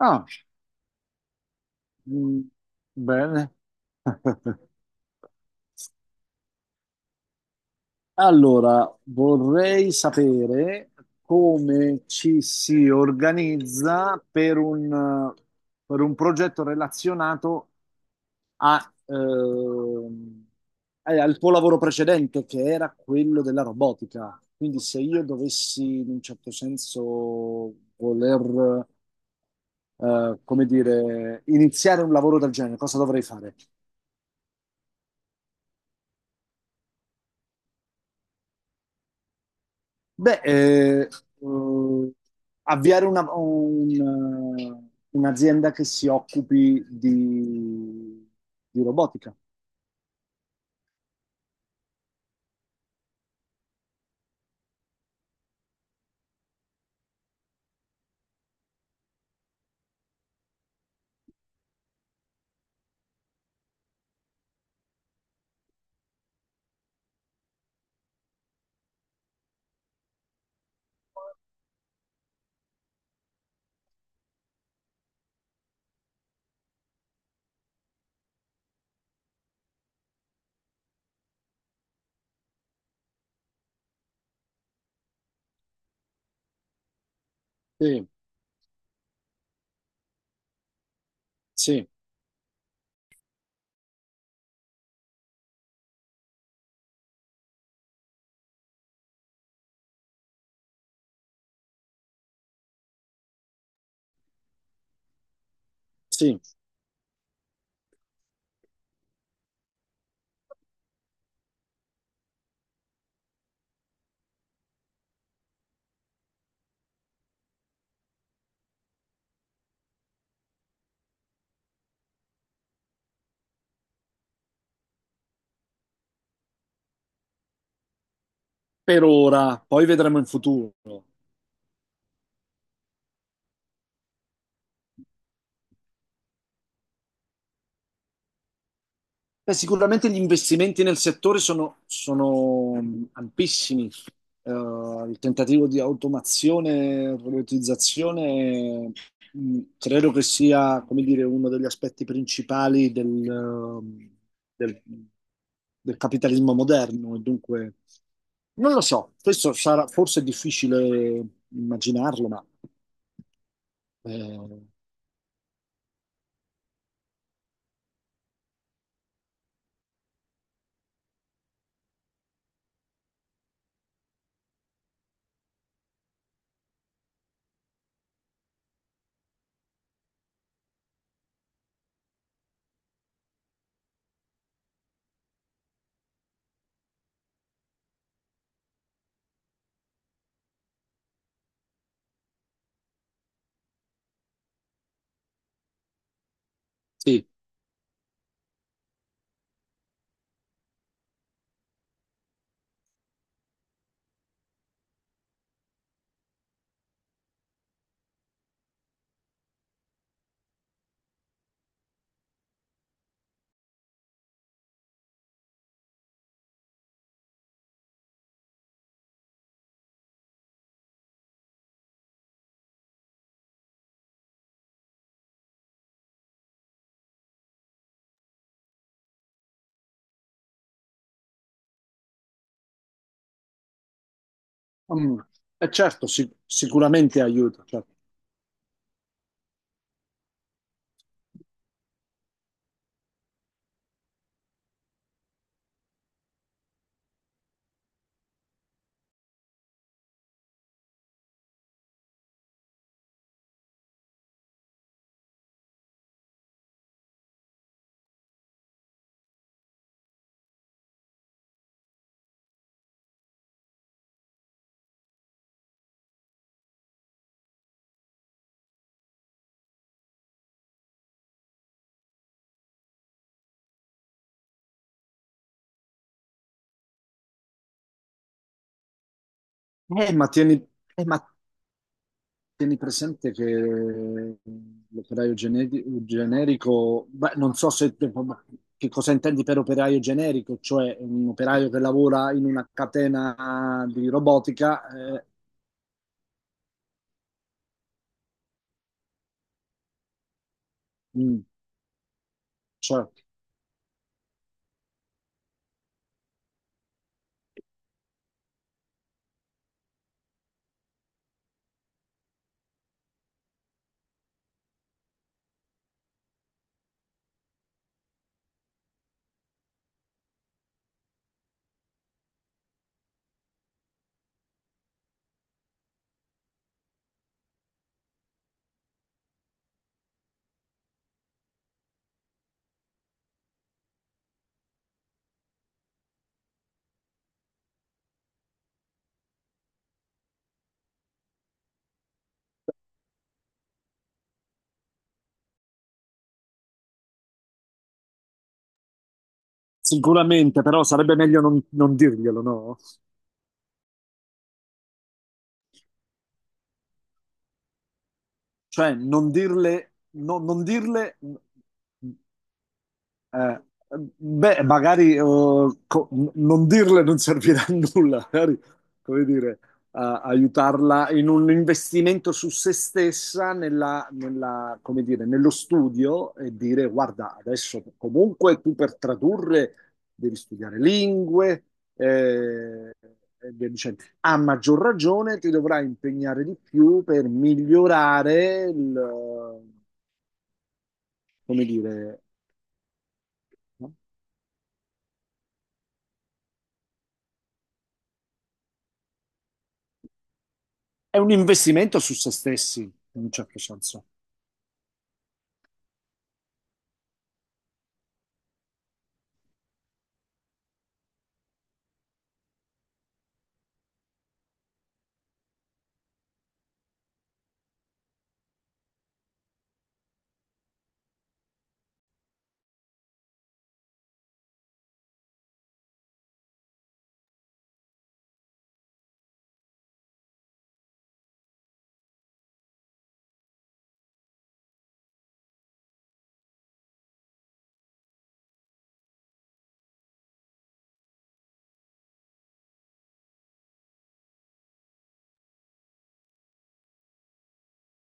Ah, mm, bene. Allora, vorrei sapere come ci si organizza per per un progetto relazionato a al tuo lavoro precedente, che era quello della robotica. Quindi se io dovessi, in un certo senso, voler, come dire, iniziare un lavoro del genere, cosa dovrei fare? Beh, eh, avviare un'azienda che si occupi di robotica. Sì, sì, sì, per ora, poi vedremo in futuro. Beh, sicuramente gli investimenti nel settore sono ampissimi. Il tentativo di automazione e robotizzazione credo che sia, come dire, uno degli aspetti principali eh, del- del capitalismo moderno. E dunque, non lo so, questo sarà forse è difficile immaginarlo, ma eh, sì. Mm. E certo, sic- sicuramente aiuta. Certo. Eh, ma tieni, ma tieni presente che l'operaio gene- generico, beh, non so se, che cosa intendi per operaio generico, cioè un operaio che lavora in una catena di robotica, mm, cioè, sicuramente, però sarebbe meglio non dirglielo, no? Cioè, non dirle, no- non dirle. Eh, beh, magari non dirle non servirà a nulla, magari, come dire, a- aiutarla in un investimento su se stessa nella come dire, nello studio e dire, guarda, adesso comunque tu per tradurre devi studiare lingue, eh, e via dicendo. A maggior ragione ti dovrai impegnare di più per migliorare il, come dire, no? È un investimento su se stessi, in un certo senso.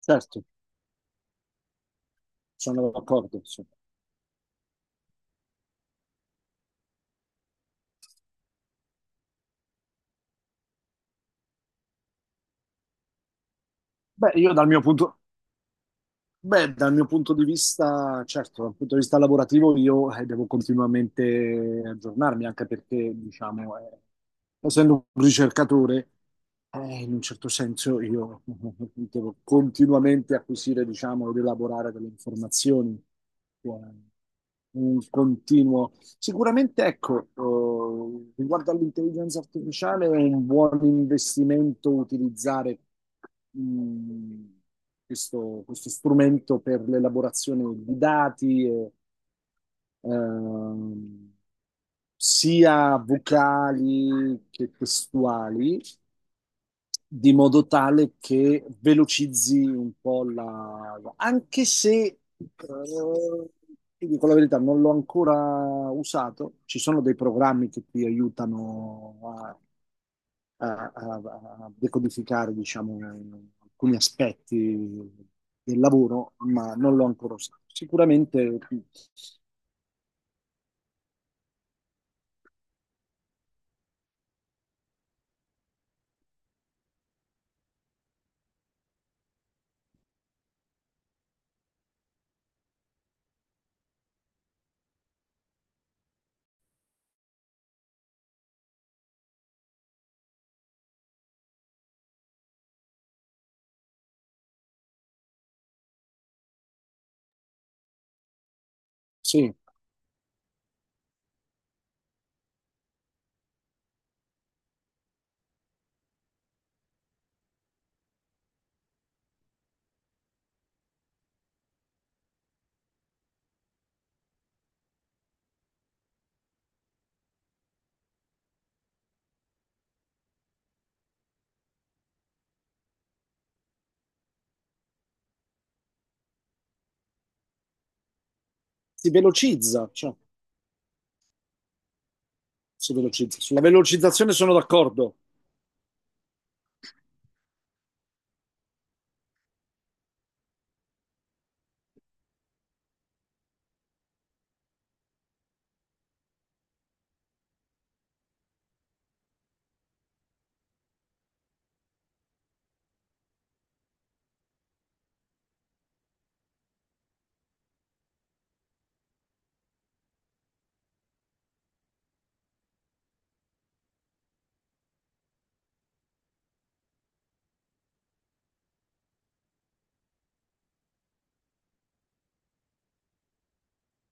Certo, sono d'accordo. Sì. Beh, io dal mio punto, Beh, Dal mio punto di vista, certo, dal punto di vista lavorativo io devo continuamente aggiornarmi, anche perché, diciamo, essendo un ricercatore, in un certo senso io devo continuamente acquisire, diciamo, ed elaborare delle informazioni. eh, Un continuo. Sicuramente, ecco, riguardo all'intelligenza artificiale è un buon investimento utilizzare mm, questo strumento per l'elaborazione di dati, e, ehm, sia vocali che testuali, di modo tale che velocizzi un po' la... anche se, eh, ti dico la verità, non l'ho ancora usato, ci sono dei programmi che ti aiutano a a, a- a decodificare, diciamo, alcuni aspetti del lavoro, ma non l'ho ancora usato. Sicuramente sì, si velocizza, cioè, si velocizza. Sulla velocizzazione sono d'accordo.